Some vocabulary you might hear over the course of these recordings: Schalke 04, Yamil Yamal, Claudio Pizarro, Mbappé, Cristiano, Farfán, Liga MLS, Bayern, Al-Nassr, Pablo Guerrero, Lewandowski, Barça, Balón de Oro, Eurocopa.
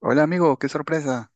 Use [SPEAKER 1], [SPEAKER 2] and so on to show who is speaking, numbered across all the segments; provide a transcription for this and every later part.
[SPEAKER 1] Hola amigo, qué sorpresa.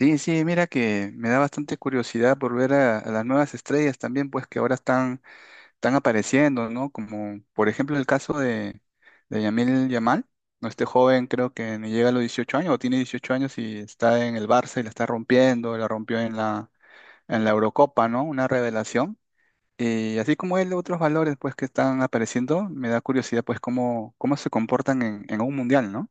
[SPEAKER 1] Sí, sí, mira que me da bastante curiosidad por ver a las nuevas estrellas también, pues que ahora están apareciendo, ¿no? Como por ejemplo el caso de Yamil Yamal, ¿no? Este joven creo que ni llega a los 18 años o tiene 18 años y está en el Barça y la está rompiendo, la rompió en la Eurocopa, ¿no? Una revelación. Y así como él, otros valores pues que están apareciendo, me da curiosidad pues cómo se comportan en un mundial, ¿no?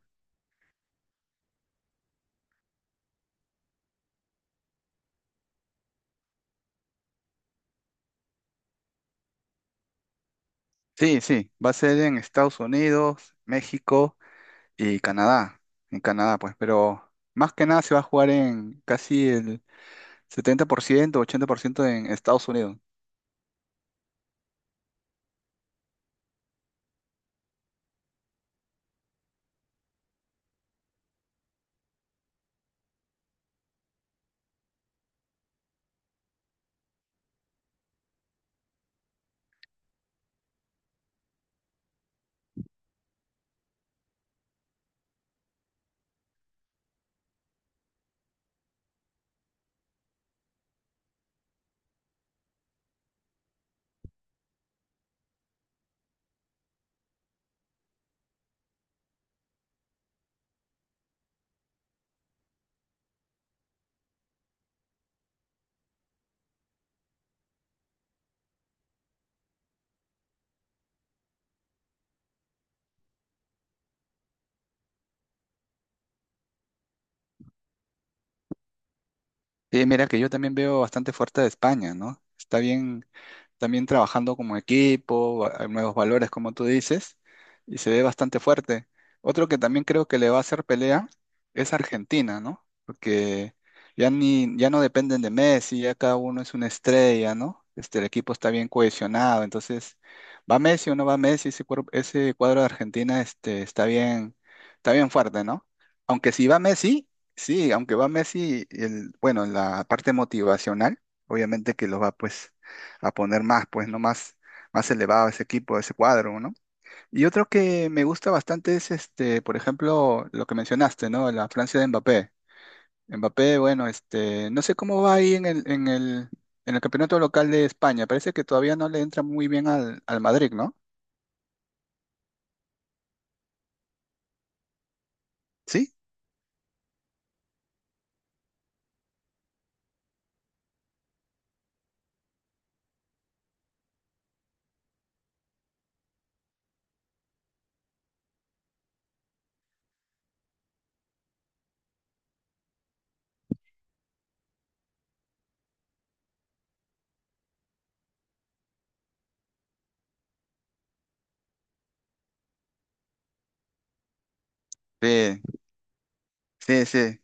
[SPEAKER 1] Sí, sí, va a ser en Estados Unidos, México y Canadá. En Canadá, pues, pero más que nada se va a jugar en casi el 70%, 80% en Estados Unidos. Y mira que yo también veo bastante fuerte de España, ¿no? Está bien, también trabajando como equipo, hay nuevos valores, como tú dices, y se ve bastante fuerte. Otro que también creo que le va a hacer pelea es Argentina, ¿no? Porque ya no dependen de Messi, ya cada uno es una estrella, ¿no? El equipo está bien cohesionado, entonces, ¿va Messi o no va Messi? Ese cuadro de Argentina, está bien fuerte, ¿no? Aunque si va Messi, sí, aunque va Messi, bueno, la parte motivacional, obviamente que lo va, pues a poner más, pues, ¿no? Más elevado ese equipo, ese cuadro, ¿no? Y otro que me gusta bastante es, por ejemplo, lo que mencionaste, ¿no? La Francia de Mbappé. Mbappé, bueno, no sé cómo va ahí en el campeonato local de España. Parece que todavía no le entra muy bien al Madrid, ¿no? Sí, sí, sí, sí.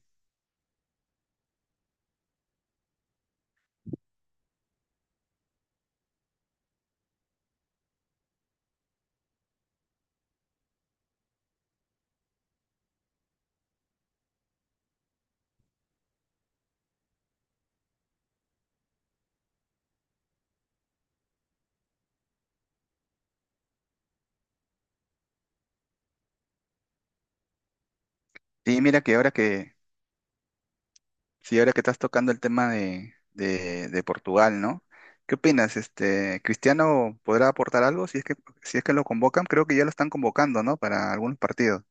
[SPEAKER 1] Y mira que ahora que, Sí, ahora que estás tocando el tema de Portugal, ¿no? ¿Qué opinas? ¿Cristiano podrá aportar algo si es que lo convocan? Creo que ya lo están convocando, ¿no? Para algunos partidos.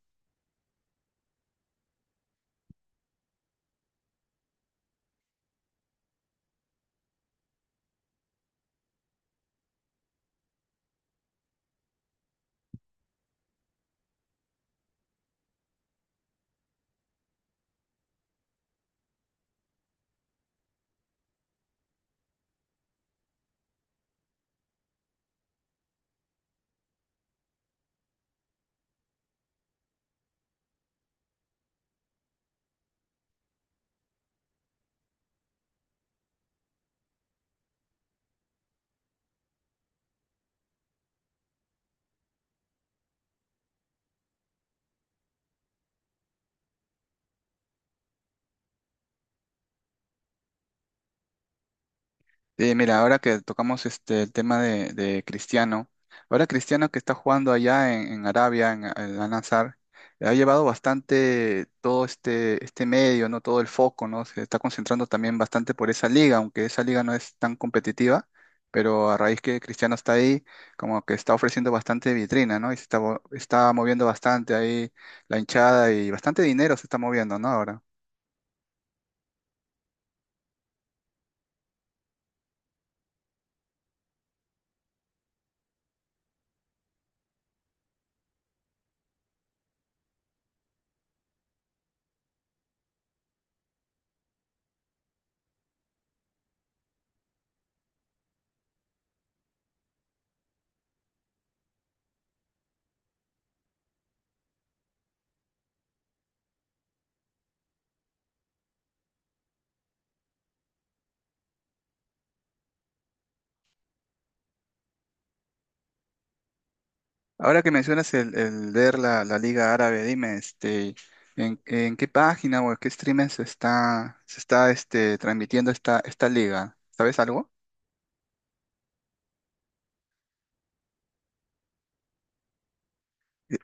[SPEAKER 1] Mira, ahora que tocamos el tema de Cristiano, ahora Cristiano que está jugando allá en Arabia, en Al-Nassr, ha llevado bastante todo este, este medio, ¿no? Todo el foco, ¿no? Se está concentrando también bastante por esa liga, aunque esa liga no es tan competitiva, pero a raíz que Cristiano está ahí, como que está ofreciendo bastante vitrina, ¿no? Y se está, está moviendo bastante ahí la hinchada y bastante dinero se está moviendo, ¿no? Ahora. Ahora que mencionas el ver la Liga Árabe, dime, en qué página o en qué streaming se está transmitiendo esta liga? ¿Sabes algo? Eh,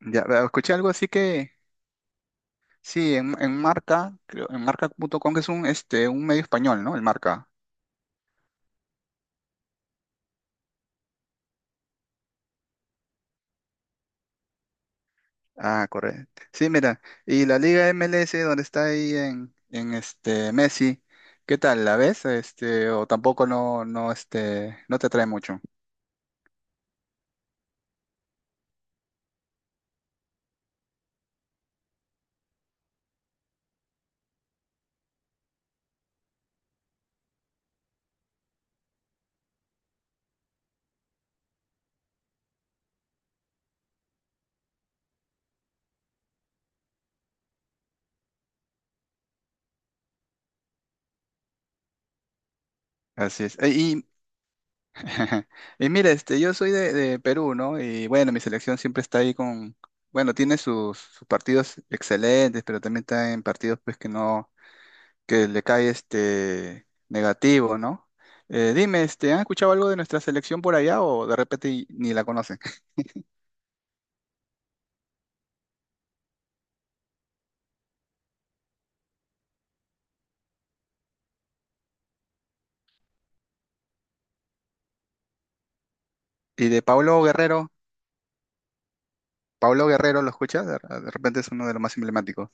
[SPEAKER 1] Ya, escuché algo así que, sí, en Marca, creo, en marca punto com que es un, un medio español, ¿no? El Marca. Ah, correcto. Sí, mira, y la Liga MLS, donde está ahí en Messi, ¿qué tal? ¿La ves? O tampoco no, no te atrae mucho. Así es. Y Y mira, yo soy de Perú, ¿no? Y bueno, mi selección siempre está ahí con, bueno, tiene sus partidos excelentes, pero también está en partidos pues que no, que le cae este negativo, ¿no? Dime, ¿han escuchado algo de nuestra selección por allá o de repente ni la conocen? Y de Pablo Guerrero, Pablo Guerrero, ¿lo escuchas? De repente es uno de los más emblemáticos.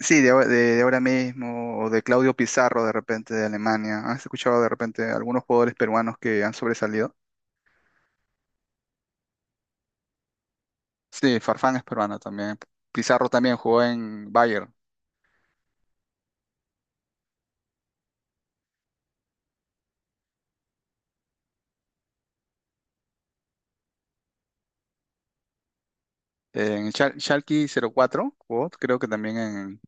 [SPEAKER 1] Sí, de ahora mismo, o de Claudio Pizarro, de repente de Alemania. ¿Has escuchado de repente algunos jugadores peruanos que han sobresalido? Sí, Farfán es peruano también. Pizarro también jugó en Bayern. Schalke 04 jugó, creo que también en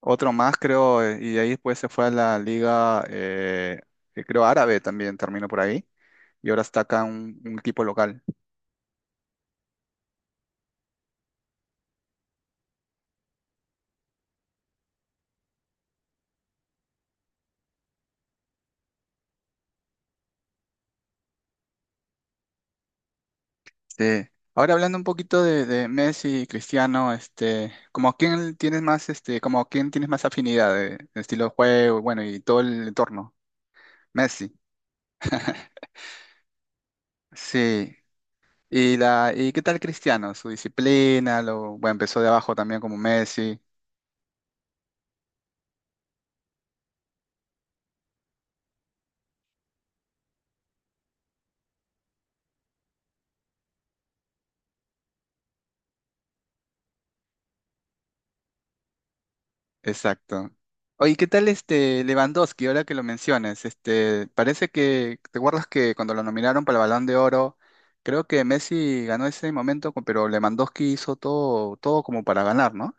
[SPEAKER 1] otro más, creo, y de ahí después se fue a la liga, creo, árabe también, terminó por ahí, y ahora está acá un equipo local. Sí. Ahora hablando un poquito de Messi y Cristiano, como a quién tienes más, como a quién tienes más afinidad de estilo de juego, bueno, y todo el entorno. Messi. Sí, y qué tal Cristiano? Su disciplina, lo, bueno, empezó de abajo también como Messi. Exacto. Oye, ¿qué tal este Lewandowski? Ahora que lo mencionas, parece que, ¿te acuerdas que cuando lo nominaron para el Balón de Oro, creo que Messi ganó ese momento, pero Lewandowski hizo todo, todo como para ganar, ¿no?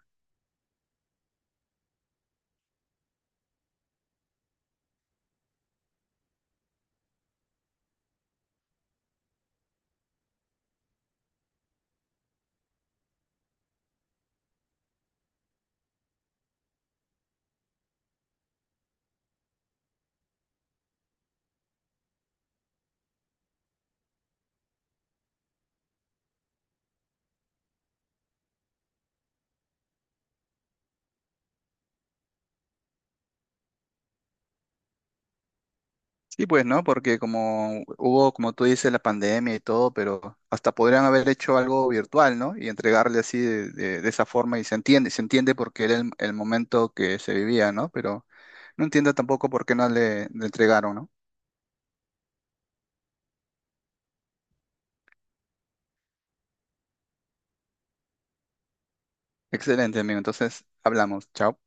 [SPEAKER 1] Sí, pues, ¿no? Porque como hubo, como tú dices, la pandemia y todo, pero hasta podrían haber hecho algo virtual, ¿no? Y entregarle así de esa forma y se entiende porque era el momento que se vivía, ¿no? Pero no entiendo tampoco por qué no le entregaron, ¿no? Excelente, amigo. Entonces, hablamos. Chao.